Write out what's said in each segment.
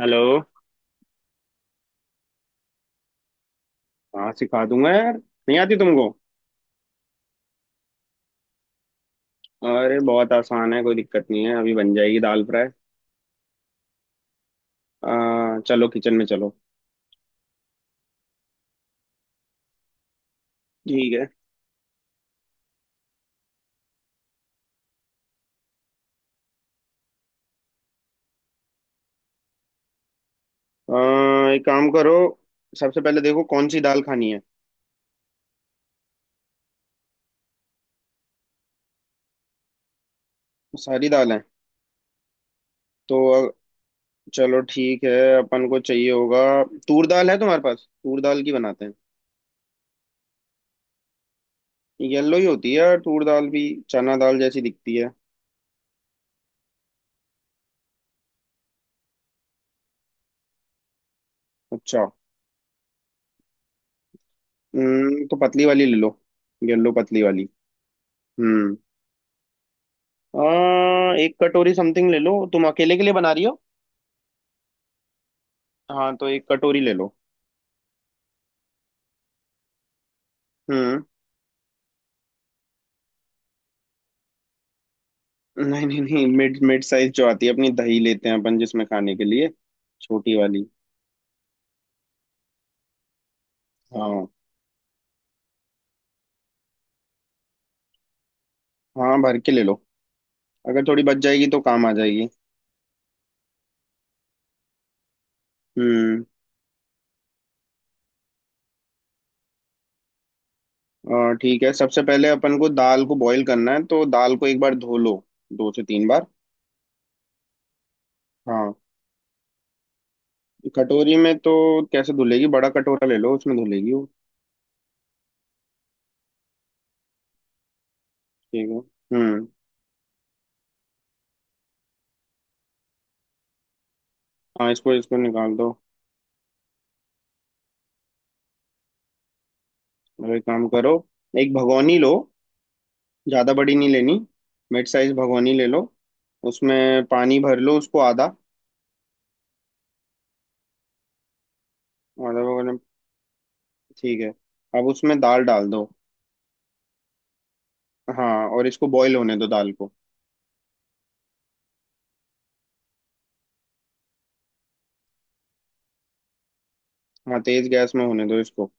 Hello. हाँ, सिखा दूंगा यार, नहीं आती तुमको? अरे बहुत आसान है, कोई दिक्कत नहीं है, अभी बन जाएगी दाल फ्राई। चलो किचन में चलो। ठीक है। अ, एक काम करो, सबसे पहले देखो कौन सी दाल खानी है। सारी दाल है। तो अ, चलो ठीक है, अपन को चाहिए होगा। तूर दाल है तुम्हारे पास? तूर दाल की बनाते हैं। येलो ही होती है यार तूर दाल भी, चना दाल जैसी दिखती है। अच्छा। तो पतली वाली ले लो, येलो पतली वाली। हम्म। एक कटोरी समथिंग ले लो, तुम अकेले के लिए बना रही हो। हाँ, तो एक कटोरी ले लो। हम्म। नहीं नहीं नहीं, मिड मिड साइज जो आती है, अपनी दही लेते हैं अपन जिसमें खाने के लिए, छोटी वाली। हाँ, हाँ भर के ले लो, अगर थोड़ी बच जाएगी तो काम आ जाएगी। हम्म। ठीक है, सबसे पहले अपन को दाल को बॉईल करना है, तो दाल को एक बार धो लो, दो से तीन बार। हाँ। कटोरी में तो कैसे धुलेगी? बड़ा कटोरा ले लो, उसमें धुलेगी वो। ठीक है। हम्म। हाँ, इसको इसको निकाल दो। और एक काम करो, एक भगोनी लो, ज़्यादा बड़ी नहीं लेनी, मिड साइज भगोनी ले लो। उसमें पानी भर लो उसको आधा, आधा भगोना। ठीक है। अब उसमें दाल डाल दो। हाँ, और इसको बॉईल होने दो दाल को। हाँ, तेज गैस में होने दो इसको।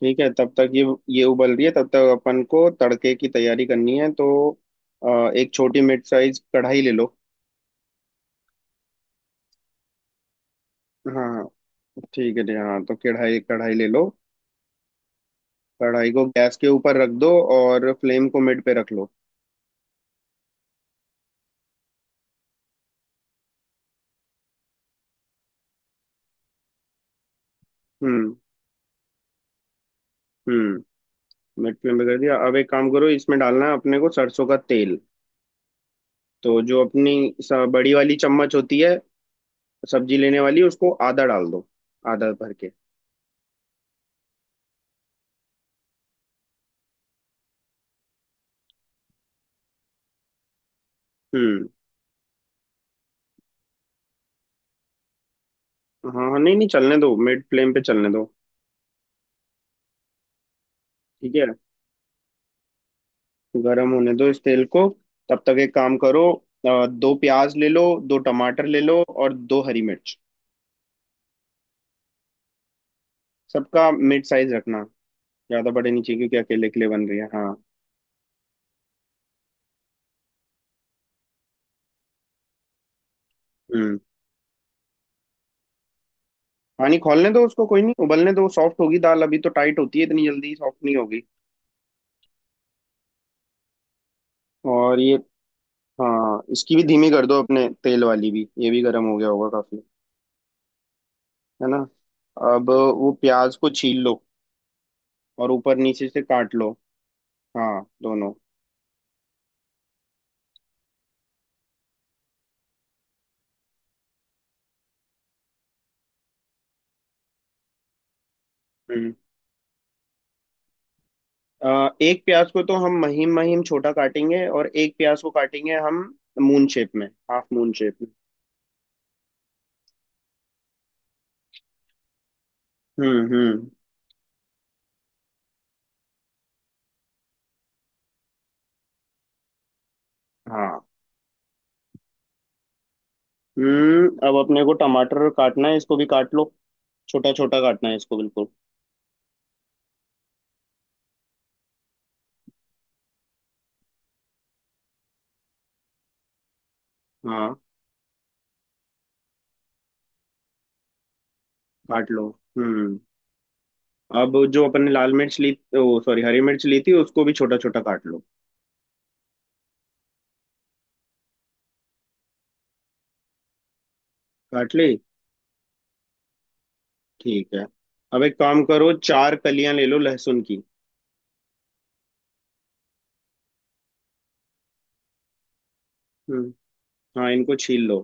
ठीक है, तब तक ये उबल रही है, तब तक अपन को तड़के की तैयारी करनी है, तो एक छोटी मिड साइज कढ़ाई ले लो। हाँ हाँ, ठीक है जी, हाँ तो कढ़ाई कढ़ाई ले लो। कढ़ाई को गैस के ऊपर रख दो और फ्लेम को मिड पे रख लो। हम्म, हम्म, मिनट में बदल दिया। अब एक काम करो, इसमें डालना है अपने को सरसों का तेल। तो जो अपनी बड़ी वाली चम्मच होती है, सब्जी लेने वाली, उसको आधा डाल दो, आधा भर के। हम्म। हाँ हाँ, नहीं नहीं चलने दो, मिड फ्लेम पे चलने दो। ठीक है, गरम होने दो इस तेल को। तब तक एक काम करो, दो प्याज ले लो, दो टमाटर ले लो और दो हरी मिर्च। सबका मिड साइज रखना, ज्यादा बड़े नहीं चाहिए क्योंकि अकेले के लिए बन रही है। हाँ। हम्म पानी खौलने दो उसको, कोई नहीं उबलने दो, सॉफ्ट होगी दाल, अभी तो टाइट होती है, इतनी जल्दी सॉफ्ट नहीं होगी। और ये, हाँ इसकी भी धीमी कर दो, अपने तेल वाली भी, ये भी गर्म हो गया होगा काफी। है ना, अब वो प्याज को छील लो और ऊपर नीचे से काट लो। हाँ दोनों। हम्म एक प्याज को तो हम महीन महीन छोटा काटेंगे, और एक प्याज को काटेंगे हम मून शेप में, हाफ मून शेप में। हम्म। हाँ। अब अपने को टमाटर काटना है, इसको भी काट लो, छोटा छोटा काटना है इसको बिल्कुल। हाँ, काट लो। हम्म अब जो अपन ने लाल मिर्च ली, ओ सॉरी हरी मिर्च ली थी, उसको भी छोटा छोटा काट लो। काट ली, ठीक है। अब एक काम करो, चार कलियां ले लो लहसुन की। हम्म, हाँ इनको छील लो।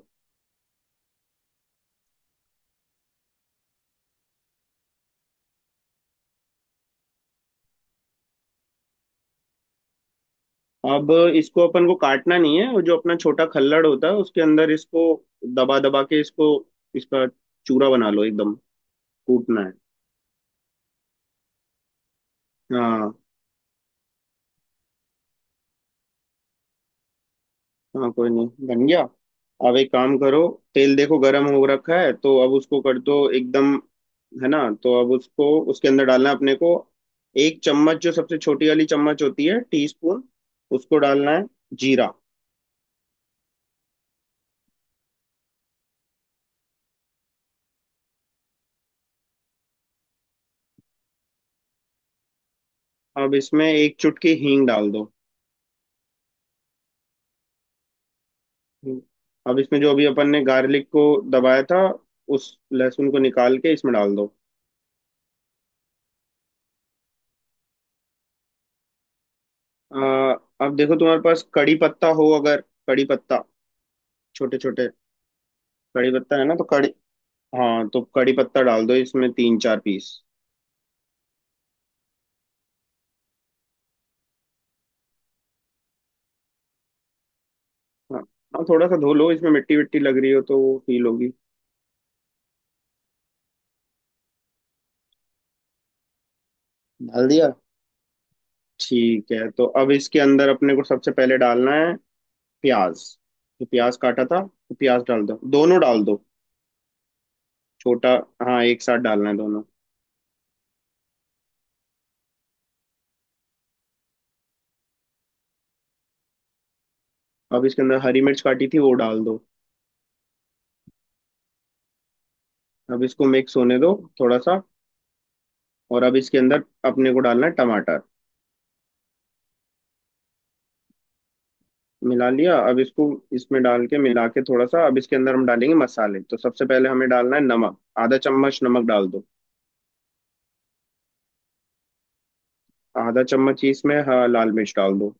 अब इसको अपन को काटना नहीं है, वो जो अपना छोटा खल्लड़ होता है, उसके अंदर इसको दबा दबा के इसको, इसका चूरा बना लो एकदम, कूटना है। हाँ, हाँ कोई नहीं बन गया। अब एक काम करो, तेल देखो गरम हो रखा है, तो अब उसको कर दो एकदम। है ना, तो अब उसको, उसके अंदर डालना है अपने को, एक चम्मच, जो सबसे छोटी वाली चम्मच होती है, टीस्पून, उसको डालना है जीरा। अब इसमें एक चुटकी हींग डाल दो। अब इसमें जो अभी अपन ने गार्लिक को दबाया था, उस लहसुन को निकाल के इसमें डाल दो। आ, अब देखो तुम्हारे पास कड़ी पत्ता हो अगर, कड़ी पत्ता, छोटे छोटे कड़ी पत्ता है ना, तो कड़ी, हाँ तो कड़ी पत्ता डाल दो इसमें, तीन चार पीस। हाँ, हाँ थोड़ा सा धो लो, इसमें मिट्टी विट्टी लग रही हो तो वो फील होगी। डाल दिया, ठीक है। तो अब इसके अंदर अपने को सबसे पहले डालना है प्याज, जो प्याज काटा था तो प्याज डाल दो, दोनों डाल दो। छोटा, हाँ एक साथ डालना है दोनों। अब इसके अंदर हरी मिर्च काटी थी वो डाल दो। अब इसको मिक्स होने दो थोड़ा सा, और अब इसके अंदर अपने को डालना है टमाटर। मिला लिया अब इसको, इसमें डाल के मिला के थोड़ा सा। अब इसके अंदर हम डालेंगे मसाले, तो सबसे पहले हमें डालना है नमक, आधा चम्मच नमक डाल दो। आधा चम्मच ही इसमें, हाँ, लाल मिर्च डाल दो।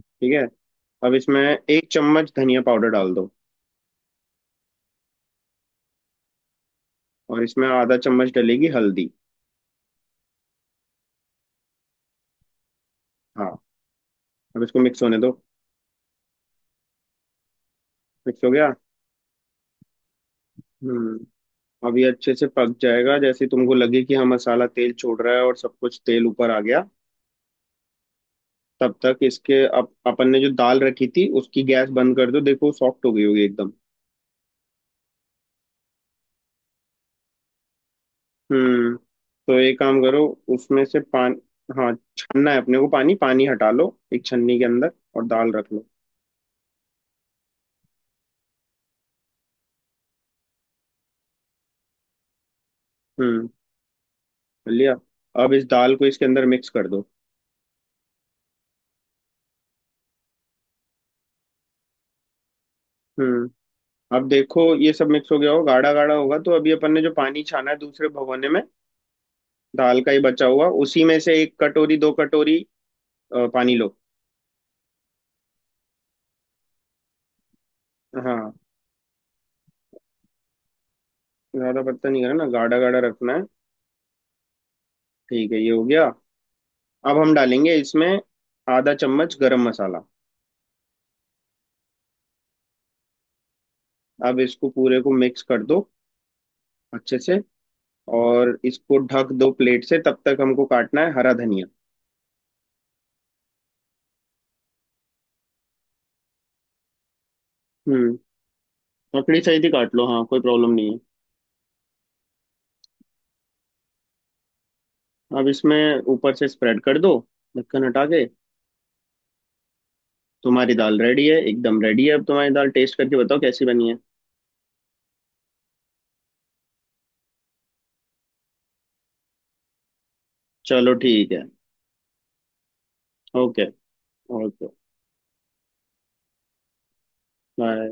ठीक है, अब इसमें एक चम्मच धनिया पाउडर डाल दो, और इसमें आधा चम्मच डलेगी हल्दी। हाँ, अब इसको मिक्स होने दो। मिक्स हो गया। हम्म अब ये अच्छे से पक जाएगा, जैसे तुमको लगे कि हाँ मसाला तेल छोड़ रहा है और सब कुछ तेल ऊपर आ गया, तब तक इसके अपन ने जो दाल रखी थी उसकी गैस बंद कर दो, देखो सॉफ्ट हो गई होगी एकदम। हम्म तो एक काम करो, उसमें से पानी, हाँ, छानना है अपने को पानी, पानी हटा लो, एक छन्नी के अंदर, और दाल रख लो। हम्म लिया। अब इस दाल को इसके अंदर मिक्स कर दो। हम्म अब देखो ये सब मिक्स हो गया हो, गाढ़ा गाढ़ा होगा, तो अभी अपन ने जो पानी छाना है दूसरे भगोने में, दाल का ही बचा हुआ, उसी में से एक कटोरी, दो कटोरी पानी लो। हाँ, ज्यादा पत्ता नहीं करना, गाढ़ा गाढ़ा रखना है। ठीक है, ये हो गया। अब हम डालेंगे इसमें आधा चम्मच गरम मसाला। अब इसको पूरे को मिक्स कर दो, अच्छे से। और इसको ढक दो प्लेट से, तब तक हमको काटना है हरा धनिया। हम्म ककड़ी सहित ही काट लो, हाँ कोई प्रॉब्लम नहीं है। अब इसमें ऊपर से स्प्रेड कर दो, ढक्कन हटा के। तुम्हारी दाल रेडी है, एकदम रेडी है, अब तुम्हारी दाल टेस्ट करके बताओ कैसी बनी है। चलो ठीक है। ओके। Okay, bye.